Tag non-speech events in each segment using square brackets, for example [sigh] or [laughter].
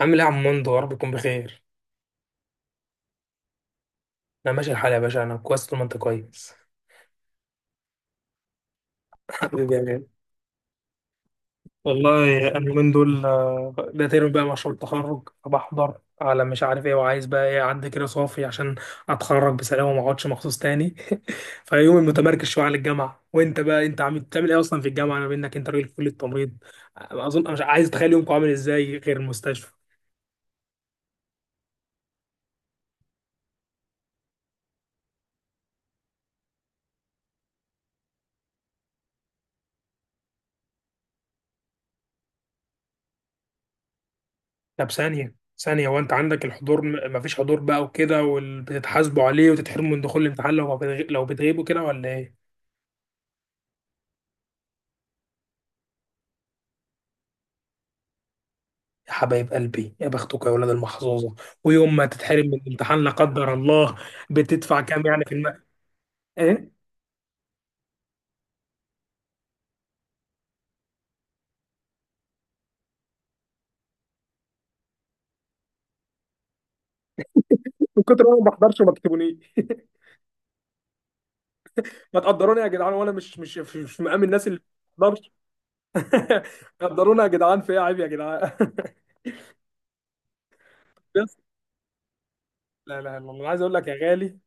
عامل ايه يا عم مندو؟ يا رب يكون بخير. انا ماشي الحال يا باشا، انا كويس طول ما انت كويس. [laughs] حبيبي يا غالي. والله انا من دول، ده ترم بقى مشروع التخرج، فبحضر على مش عارف ايه وعايز بقى ايه، عندي كده صافي عشان اتخرج بسلام وما اقعدش مخصوص تاني. [laughs] فيومي متمركز شويه على الجامعه. وانت بقى، انت بتعمل ايه اصلا في الجامعه؟ انا منك، انت راجل في كليه التمريض، اظن مش عايز اتخيل يومك عامل ازاي غير المستشفى. طب ثانية، وانت عندك الحضور، مفيش حضور بقى وكده وبتتحاسبوا عليه وتتحرموا من دخول الامتحان لو ما بتغ... لو بتغيبوا كده ولا ايه؟ يا حبايب قلبي، يا بختكم يا ولاد المحظوظة. ويوم ما تتحرم من الامتحان لا قدر الله، بتدفع كام يعني ايه؟ من كتر ما انا ما بحضرش ما تكتبوني. [laughs] ما تقدروني يا جدعان، وانا مش مقام الناس اللي ما بحضرش. [laughs] قدرونا يا جدعان، في ايه، عيب يا جدعان. [laughs] بس لا، انا عايز اقول لك يا غالي،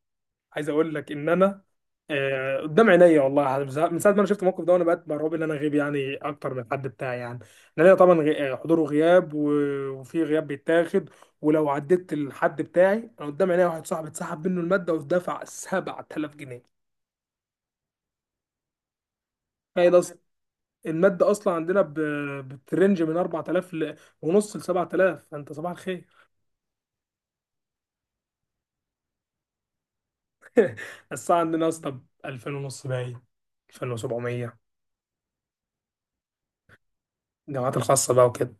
عايز اقول لك ان انا، قدام عينيا والله، من ساعة ما انا شفت الموقف ده وانا بقيت مرعوب ان انا غيب يعني اكتر من الحد بتاعي يعني. لان أنا طبعا حضور وغياب، وفي غياب بيتاخد. ولو عديت الحد بتاعي، انا قدام عينيا واحد صاحبي اتسحب منه المادة ودفع 7000 جنيه، تخيل اصلا. المادة اصلا عندنا بترنج من 4000 ل- ونص ل 7000، فانت صباح الخير. الساعة عندنا يا اسطى ب 2000 ونص، باين 2700. الجامعات الخاصة بقى وكده.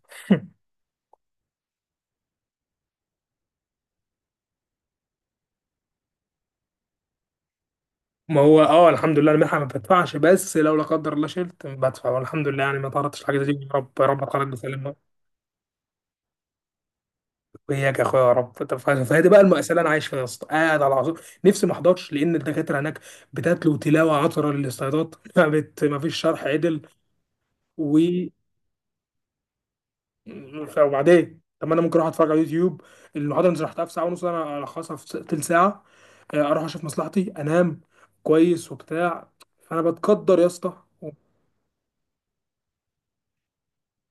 ما هو اه الحمد لله انا منحة ما بدفعش، بس لو لا قدر الله شلت بدفع، والحمد لله يعني ما تعرضتش لحاجه زي دي، يا رب يا رب اتعرض بسلامه. وإياك يا اخويا يا رب. طب فهذه بقى المأساة اللي انا عايش فيها يا اسطى، قاعد على العصور نفسي ما احضرش لان الدكاتره هناك بتتلو تلاوه عطره للاستعداد. [laughs] ما فيش شرح عدل. و وبعدين، طب ما انا ممكن اروح اتفرج على يوتيوب؟ المحاضره اللي شرحتها في ساعه ونص انا الخصها تلت ساعه، اروح اشوف مصلحتي انام كويس وبتاع. فانا بتقدر يا اسطى.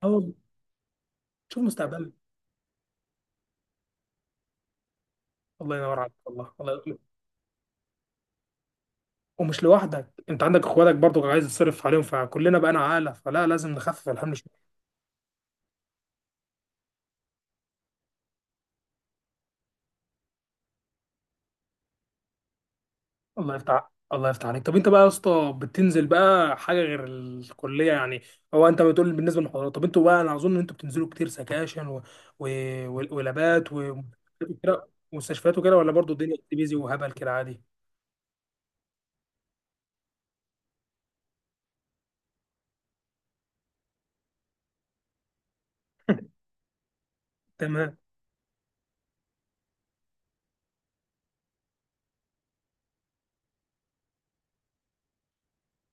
أه، شوف مستقبلك. الله ينور عليك، والله الله يخليك. ومش لوحدك، انت عندك اخواتك برضو عايز تصرف عليهم، فكلنا بقى عاله، فلا لازم نخفف الحمل شويه. الله يفتح الله يفتح عليك. طب انت بقى يا اسطى، بتنزل بقى حاجه غير الكليه يعني؟ هو انت بتقول بالنسبه للمحاضرات، طب انتوا بقى، انا اظن ان انتوا بتنزلوا كتير سكاشن و... ولابات ومستشفيات وكده، ولا برضو الدنيا بيزي وهبل كده عادي؟ [laughs] تمام.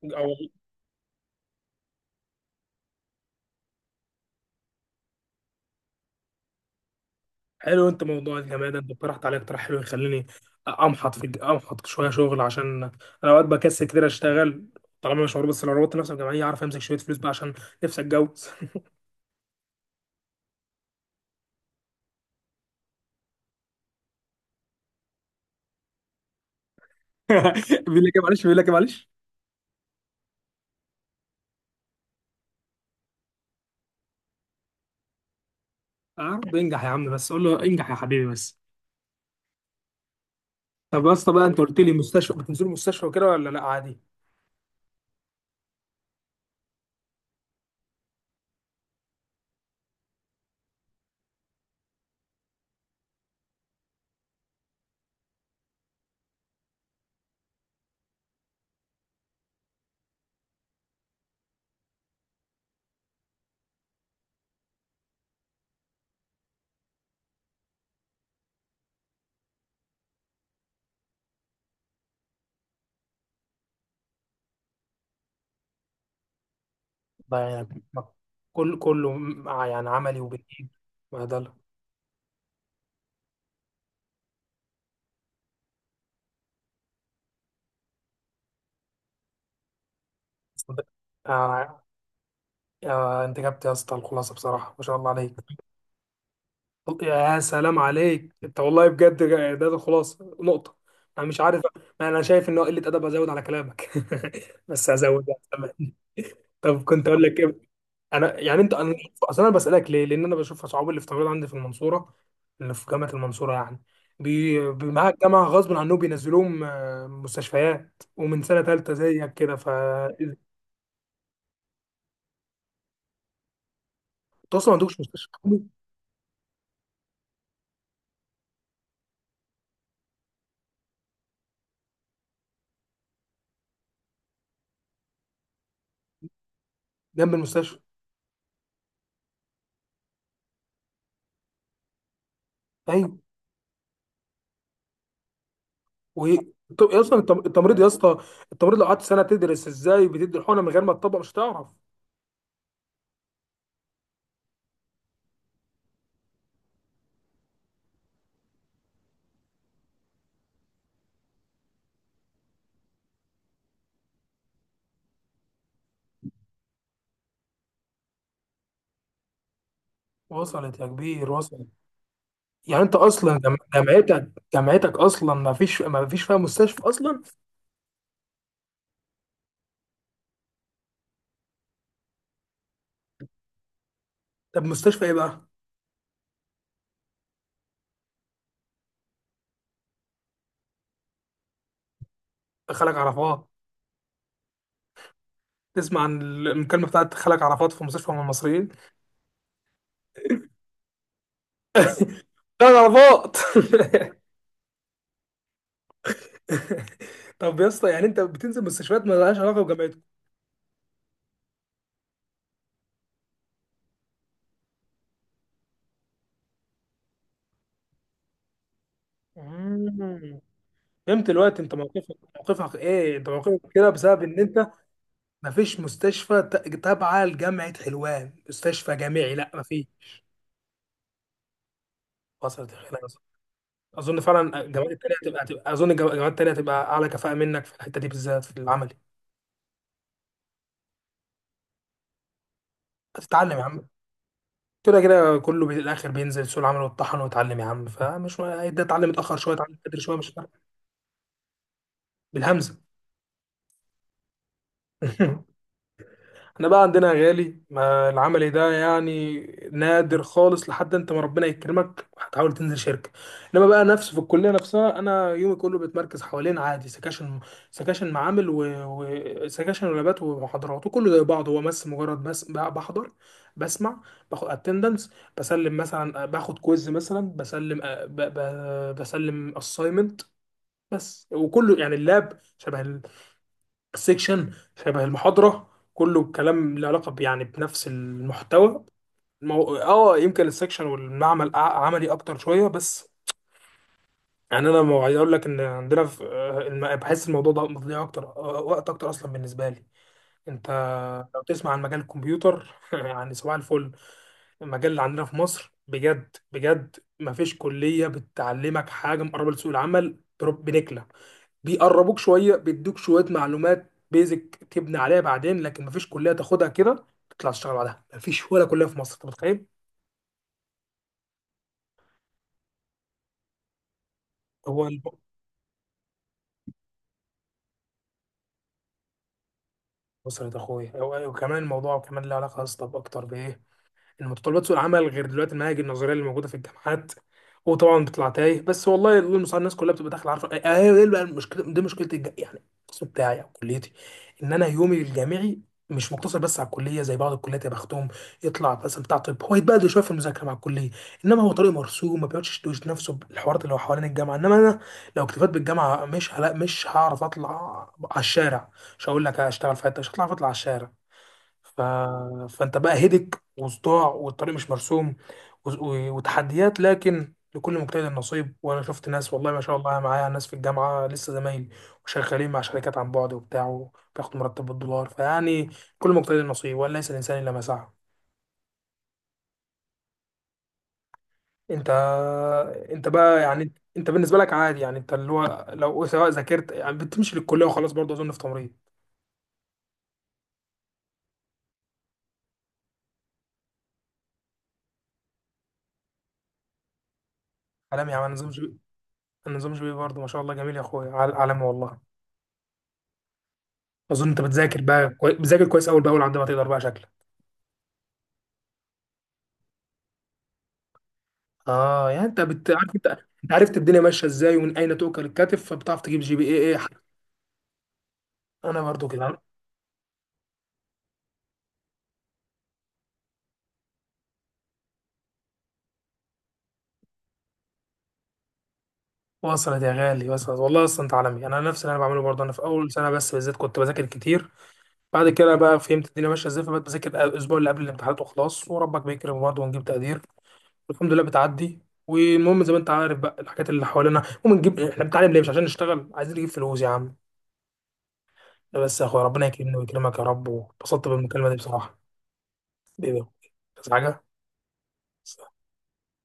أو حلو، انت موضوع الجامعه ده، انت اقترحت عليا اقتراح حلو يخليني امحط شويه شغل، عشان انا اوقات بكسل كتير اشتغل طالما مش مربوط، بس لو ربطت نفسي بجمعيه اعرف امسك شويه فلوس بقى عشان نفسي اتجوز. [laughs] بيقول لك إيه معلش، بيقول لك إيه معلش. عرض انجح يا عم، بس قول له انجح يا حبيبي بس. طب يا اسطى بقى، انت قلت لي مستشفى، بتنزلوا مستشفى وكده ولا لا عادي؟ بقى يعني كله مع يعني عملي وبالايد، ما ده لا. آه، آه انت جبت يا اسطى الخلاصه بصراحه ما شاء الله عليك. يا سلام عليك، انت والله بجد ده الخلاصه نقطه. انا مش عارف، ما انا شايف ان هو قله ادب ازود على كلامك، [laughs] بس هزود يعني، تمام. طب كنت اقول لك ايه؟ انا يعني، انت انا اصل انا بسالك ليه، لان انا بشوف اصحابي اللي في تمريض عندي في المنصوره، اللي في جامعه المنصوره يعني، معاها الجامعه غصب عنهم بينزلوهم مستشفيات ومن سنه ثالثه زيك كده. ف انت اصلا ما عندكش مستشفى حكومي جنب المستشفى؟ أيوه. و طب اصلا التمريض يا اسطى، التمريض لو قعدت سنه تدرس ازاي بتدي الحقنه من غير ما تطبق مش هتعرف. وصلت يا كبير وصلت. يعني انت اصلا جامعتك، جامعتك اصلا ما فيش فيها مستشفى اصلا؟ طب مستشفى ايه بقى؟ خلك عرفات. تسمع عن المكالمه بتاعت خلك عرفات في مستشفى من المصريين؟ خلك عرفات. [laughs] طب يا اسطى يعني انت بتنزل مستشفيات ما لهاش علاقه بجامعتك؟ مم. فهمت دلوقتي، انت موقفك، موقفك ايه، انت موقفك كده بسبب ان انت مفيش مستشفى تابعة لجامعة حلوان، مستشفى جامعي، لا مفيش. وصلت الخير يا أصلاً. أظن فعلا الجامعات التانية هتبقى، هتبقى، أظن الجامعات التانية هتبقى أعلى كفاءة منك في الحتة دي بالذات في العملي. هتتعلم يا عم، كده كده كله الآخر بينزل سوق العمل ويتطحن ويتعلم يا عم، فمش ده، اتعلم متأخر شوية، اتعلم بدري شوية، مش فارقة. بالهمزة. [laughs] احنا بقى عندنا يا غالي ما العملي ده يعني نادر خالص، لحد انت ما ربنا يكرمك هتحاول تنزل شركه. انما بقى نفسه في الكليه نفسها، انا يومي كله بيتمركز حوالين عادي سكاشن، سكاشن معامل وسكاشن ولابات ومحاضرات، وكله زي بعض، هو بس مجرد بحضر، بسمع، باخد اتندنس، بسلم مثلا، باخد كويز مثلا، بسلم، بسلم اساينمنت بس. وكله يعني اللاب شبه سيكشن، شبه المحاضرة، كله كلام له علاقة يعني بنفس المحتوى. مو... اه يمكن السيكشن والمعمل عملي اكتر شوية بس يعني. انا ما عايز اقول لك ان عندنا في بحس الموضوع ده مضيع اكتر، وقت اكتر اصلا بالنسبة لي انت. لو تسمع عن مجال الكمبيوتر [laughs] يعني صباح الفل. المجال اللي عندنا في مصر بجد بجد ما فيش كلية بتعلمك حاجة مقربة لسوق العمل بنكلة، بيقربوك شويه، بيدوك شويه معلومات بيزك تبني عليها بعدين، لكن مفيش كليه تاخدها كده تطلع تشتغل بعدها، مفيش ولا كليه في مصر، انت متخيل؟ هو الب- بص يا اخويا، وكمان الموضوع كمان له علاقه اصلا اكتر بايه، ان متطلبات سوق العمل غير دلوقتي المناهج النظريه اللي موجوده في الجامعات. وطبعا بتطلع تايه بس، والله الله المستعان، الناس كلها بتبقى داخله عارفه ايه، إيه بقى المشكله دي؟ مشكله يعني القسم بتاعي او كليتي، ان انا يومي الجامعي مش مقتصر بس على الكليه زي بعض الكليات يا بختهم، يطلع مثلا بتاع طب هو يتبهدل شويه في المذاكره مع الكليه، انما هو طريق مرسوم، ما بيقعدش يشتوش نفسه بالحوارات اللي هو حوالين الجامعه، انما انا لو اكتفيت بالجامعه، مش هعرف اطلع على الشارع، مش هقول لك هشتغل في حته، مش هطلع اطلع على الشارع. ف... فانت بقى هدك وصداع والطريق مش مرسوم وتحديات، لكن لكل مجتهد نصيب. وانا شفت ناس والله ما شاء الله، أنا معايا ناس في الجامعه لسه زمايلي وشغالين مع شركات عن بعد وبتاع وبياخدوا مرتب بالدولار، فيعني كل مجتهد نصيب، وليس الانسان الا ما سعى. انت انت بقى يعني، انت بالنسبه لك عادي يعني، انت اللي هو لو سواء ذاكرت يعني بتمشي للكليه وخلاص برضه اظن في تمريض؟ عالمي يا عم، نظام جي، نظام جي برضه ما شاء الله جميل يا اخويا، عالمي والله. اظن انت بتذاكر بقى بتذاكر كويس اول باول عندما تقدر بقى شكلك. اه يعني عارف انت، انت عرفت الدنيا ماشيه ازاي ومن اين تؤكل الكتف، فبتعرف تجيب جي بي اي ايه حق. انا برضو كده. وصلت يا غالي وصلت، والله اصلا انت عالمي، انا نفس اللي انا بعمله برضه، انا في اول سنه بس بالذات كنت بذاكر كتير، بعد كده بقى فهمت الدنيا ماشيه ازاي، فبقيت بذاكر الاسبوع اللي قبل الامتحانات وخلاص، وربك بيكرم برضه ونجيب تقدير، والحمد لله بتعدي. والمهم زي ما انت عارف بقى، الحاجات اللي حوالينا، المهم نجيب، احنا بنتعلم ليه؟ مش عشان نشتغل؟ عايزين نجيب فلوس يا عم. لا بس يا اخويا، ربنا يكرمني ويكرمك يا رب، واتبسطت بالمكالمة دي بصراحة. حبيبي. بس حاجة.